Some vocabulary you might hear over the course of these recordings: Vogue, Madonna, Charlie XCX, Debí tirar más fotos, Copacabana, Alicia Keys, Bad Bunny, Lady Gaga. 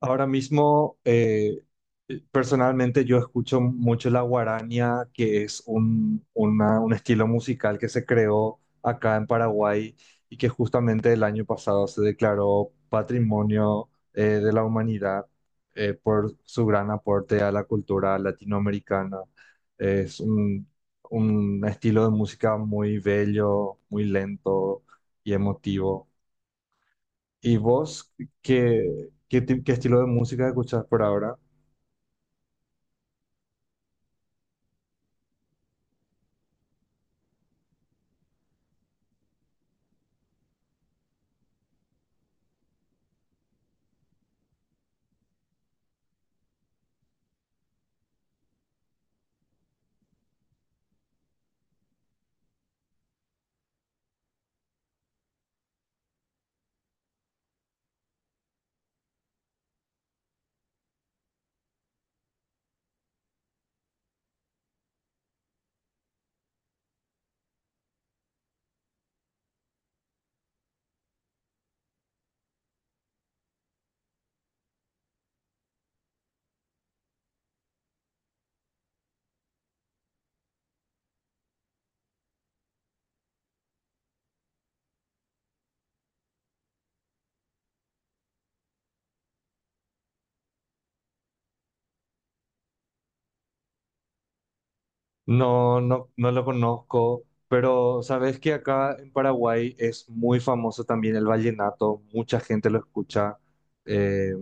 Ahora mismo, personalmente yo escucho mucho la guarania, que es un estilo musical que se creó acá en Paraguay y que justamente el año pasado se declaró Patrimonio, de la Humanidad, por su gran aporte a la cultura latinoamericana. Es un estilo de música muy bello, muy lento y emotivo. ¿Y vos qué estilo de música escuchás por ahora? No, no, no lo conozco, pero sabes que acá en Paraguay es muy famoso también el vallenato, mucha gente lo escucha. Eh,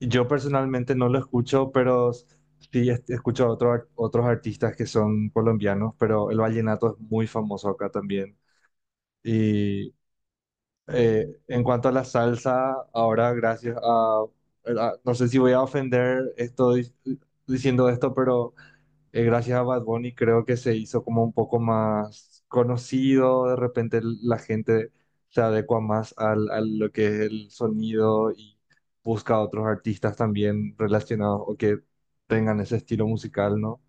yo personalmente no lo escucho, pero sí escucho a otros artistas que son colombianos, pero el vallenato es muy famoso acá también. En cuanto a la salsa, ahora gracias a, no sé si voy a ofender estoy diciendo esto, pero gracias a Bad Bunny creo que se hizo como un poco más conocido. De repente la gente se adecua más al, a lo que es el sonido y busca a otros artistas también relacionados o que tengan ese estilo musical, ¿no?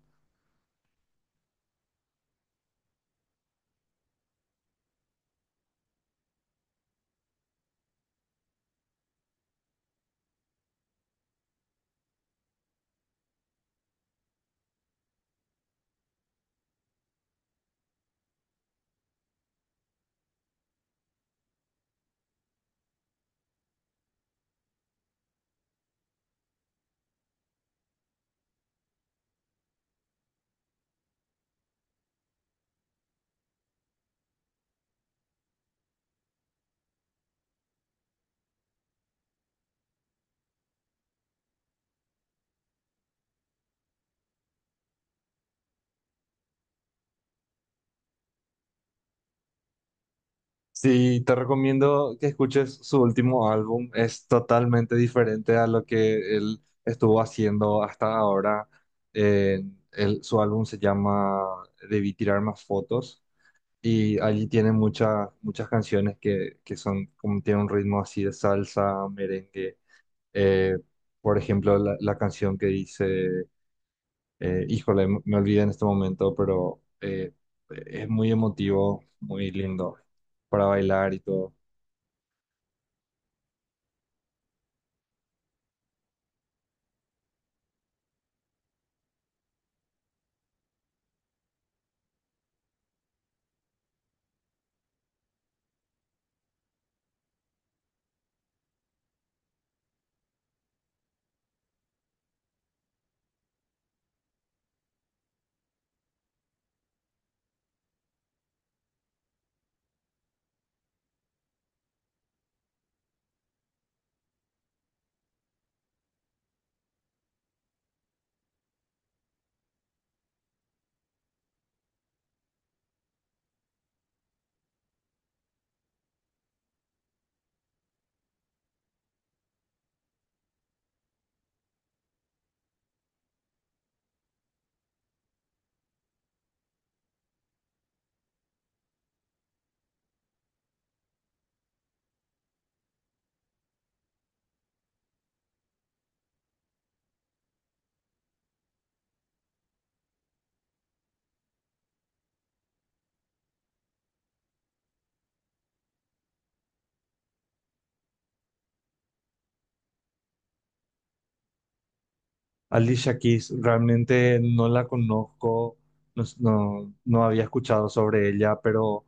Sí, te recomiendo que escuches su último álbum. Es totalmente diferente a lo que él estuvo haciendo hasta ahora. Eh, Su álbum se llama Debí tirar más fotos y allí tiene muchas muchas canciones que son como tiene un ritmo así de salsa, merengue. Eh, por ejemplo, la canción que dice, híjole, me olvidé en este momento, pero es muy emotivo, muy lindo para bailar y todo. Alicia Keys, realmente no la conozco, no, no, no había escuchado sobre ella, pero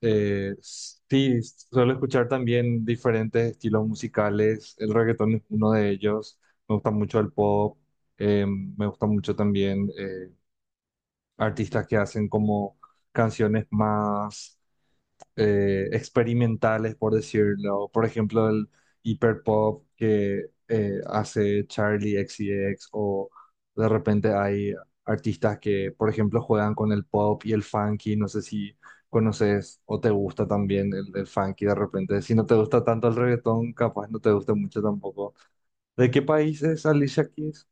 sí, suelo escuchar también diferentes estilos musicales. El reggaetón es uno de ellos. Me gusta mucho el pop. Me gusta mucho también artistas que hacen como canciones más experimentales, por decirlo. Por ejemplo, el hiperpop que hace Charlie XCX, o de repente hay artistas que, por ejemplo, juegan con el pop y el funky. No sé si conoces o te gusta también el funky de repente. Si no te gusta tanto el reggaetón, capaz no te gusta mucho tampoco. ¿De qué país es Alicia Keys?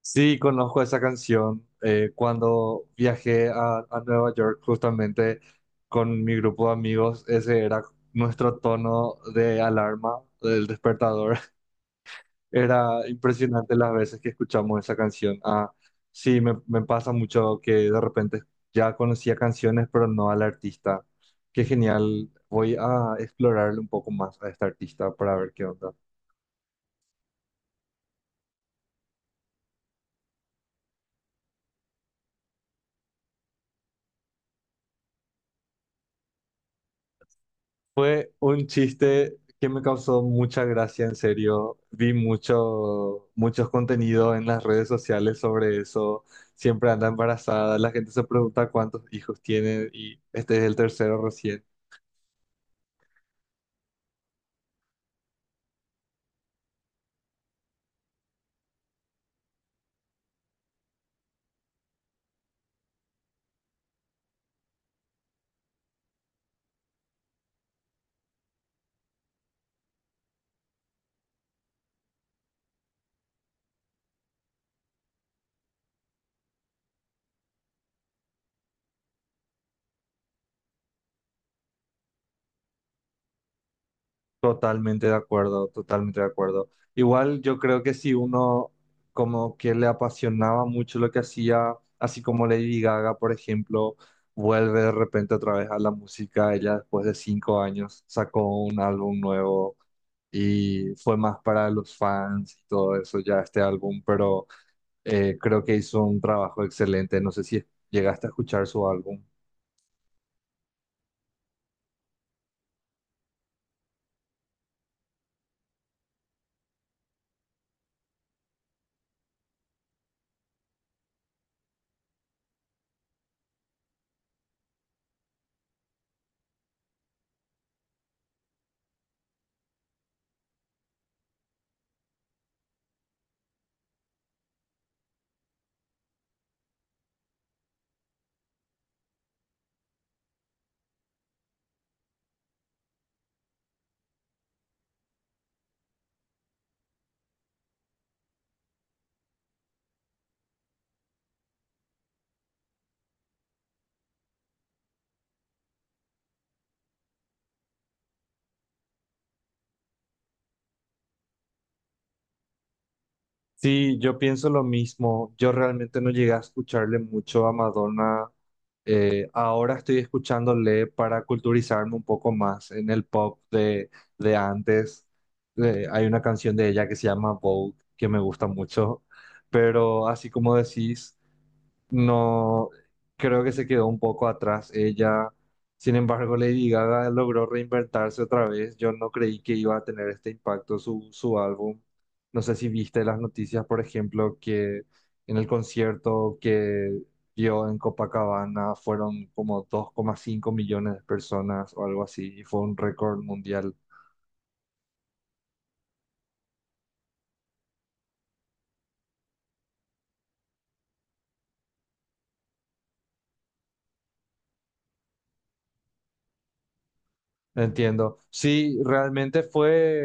Sí, conozco esa canción. Cuando viajé a Nueva York justamente con mi grupo de amigos, ese era nuestro tono de alarma del despertador. Era impresionante las veces que escuchamos esa canción. Ah, sí, me pasa mucho que de repente ya conocía canciones, pero no al artista. Qué genial. Voy a explorarle un poco más a este artista para ver qué onda. Fue un chiste que me causó mucha gracia, en serio. Vi mucho, muchos contenidos en las redes sociales sobre eso. Siempre anda embarazada, la gente se pregunta cuántos hijos tiene y este es el tercero recién. Totalmente de acuerdo, totalmente de acuerdo. Igual yo creo que si uno como que le apasionaba mucho lo que hacía, así como Lady Gaga, por ejemplo, vuelve de repente otra vez a la música. Ella después de 5 años sacó un álbum nuevo y fue más para los fans y todo eso ya este álbum, pero creo que hizo un trabajo excelente. No sé si llegaste a escuchar su álbum. Sí, yo pienso lo mismo. Yo realmente no llegué a escucharle mucho a Madonna. Ahora estoy escuchándole para culturizarme un poco más en el pop de, antes. Hay una canción de ella que se llama Vogue, que me gusta mucho. Pero así como decís, no, creo que se quedó un poco atrás ella. Sin embargo, Lady Gaga logró reinventarse otra vez. Yo no creí que iba a tener este impacto su álbum. No sé si viste las noticias, por ejemplo, que en el concierto que dio en Copacabana fueron como 2,5 millones de personas o algo así, y fue un récord mundial. Entiendo. Sí, realmente fue.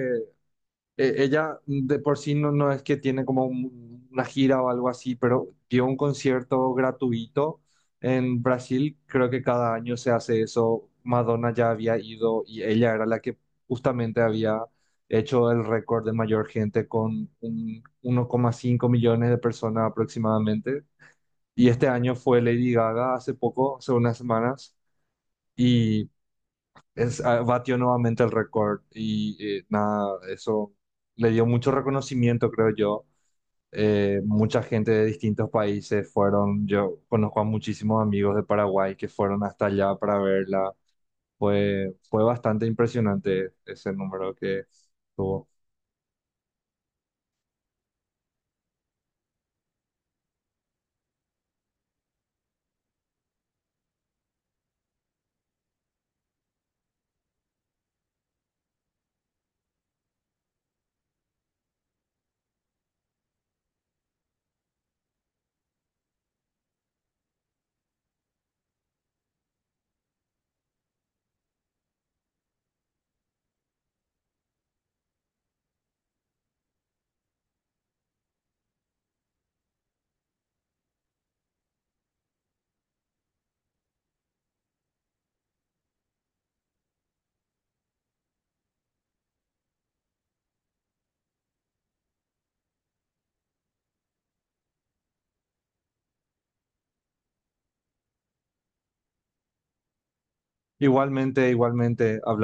Ella de por sí no, no es que tiene como una gira o algo así, pero dio un concierto gratuito en Brasil. Creo que cada año se hace eso. Madonna ya había ido y ella era la que justamente había hecho el récord de mayor gente con un 1,5 millones de personas aproximadamente. Y este año fue Lady Gaga hace poco, hace unas semanas. Y es, ah, batió nuevamente el récord y nada, eso le dio mucho reconocimiento, creo yo. Mucha gente de distintos países fueron, yo conozco a muchísimos amigos de Paraguay que fueron hasta allá para verla. Fue bastante impresionante ese número que tuvo. Igualmente, igualmente, hablando.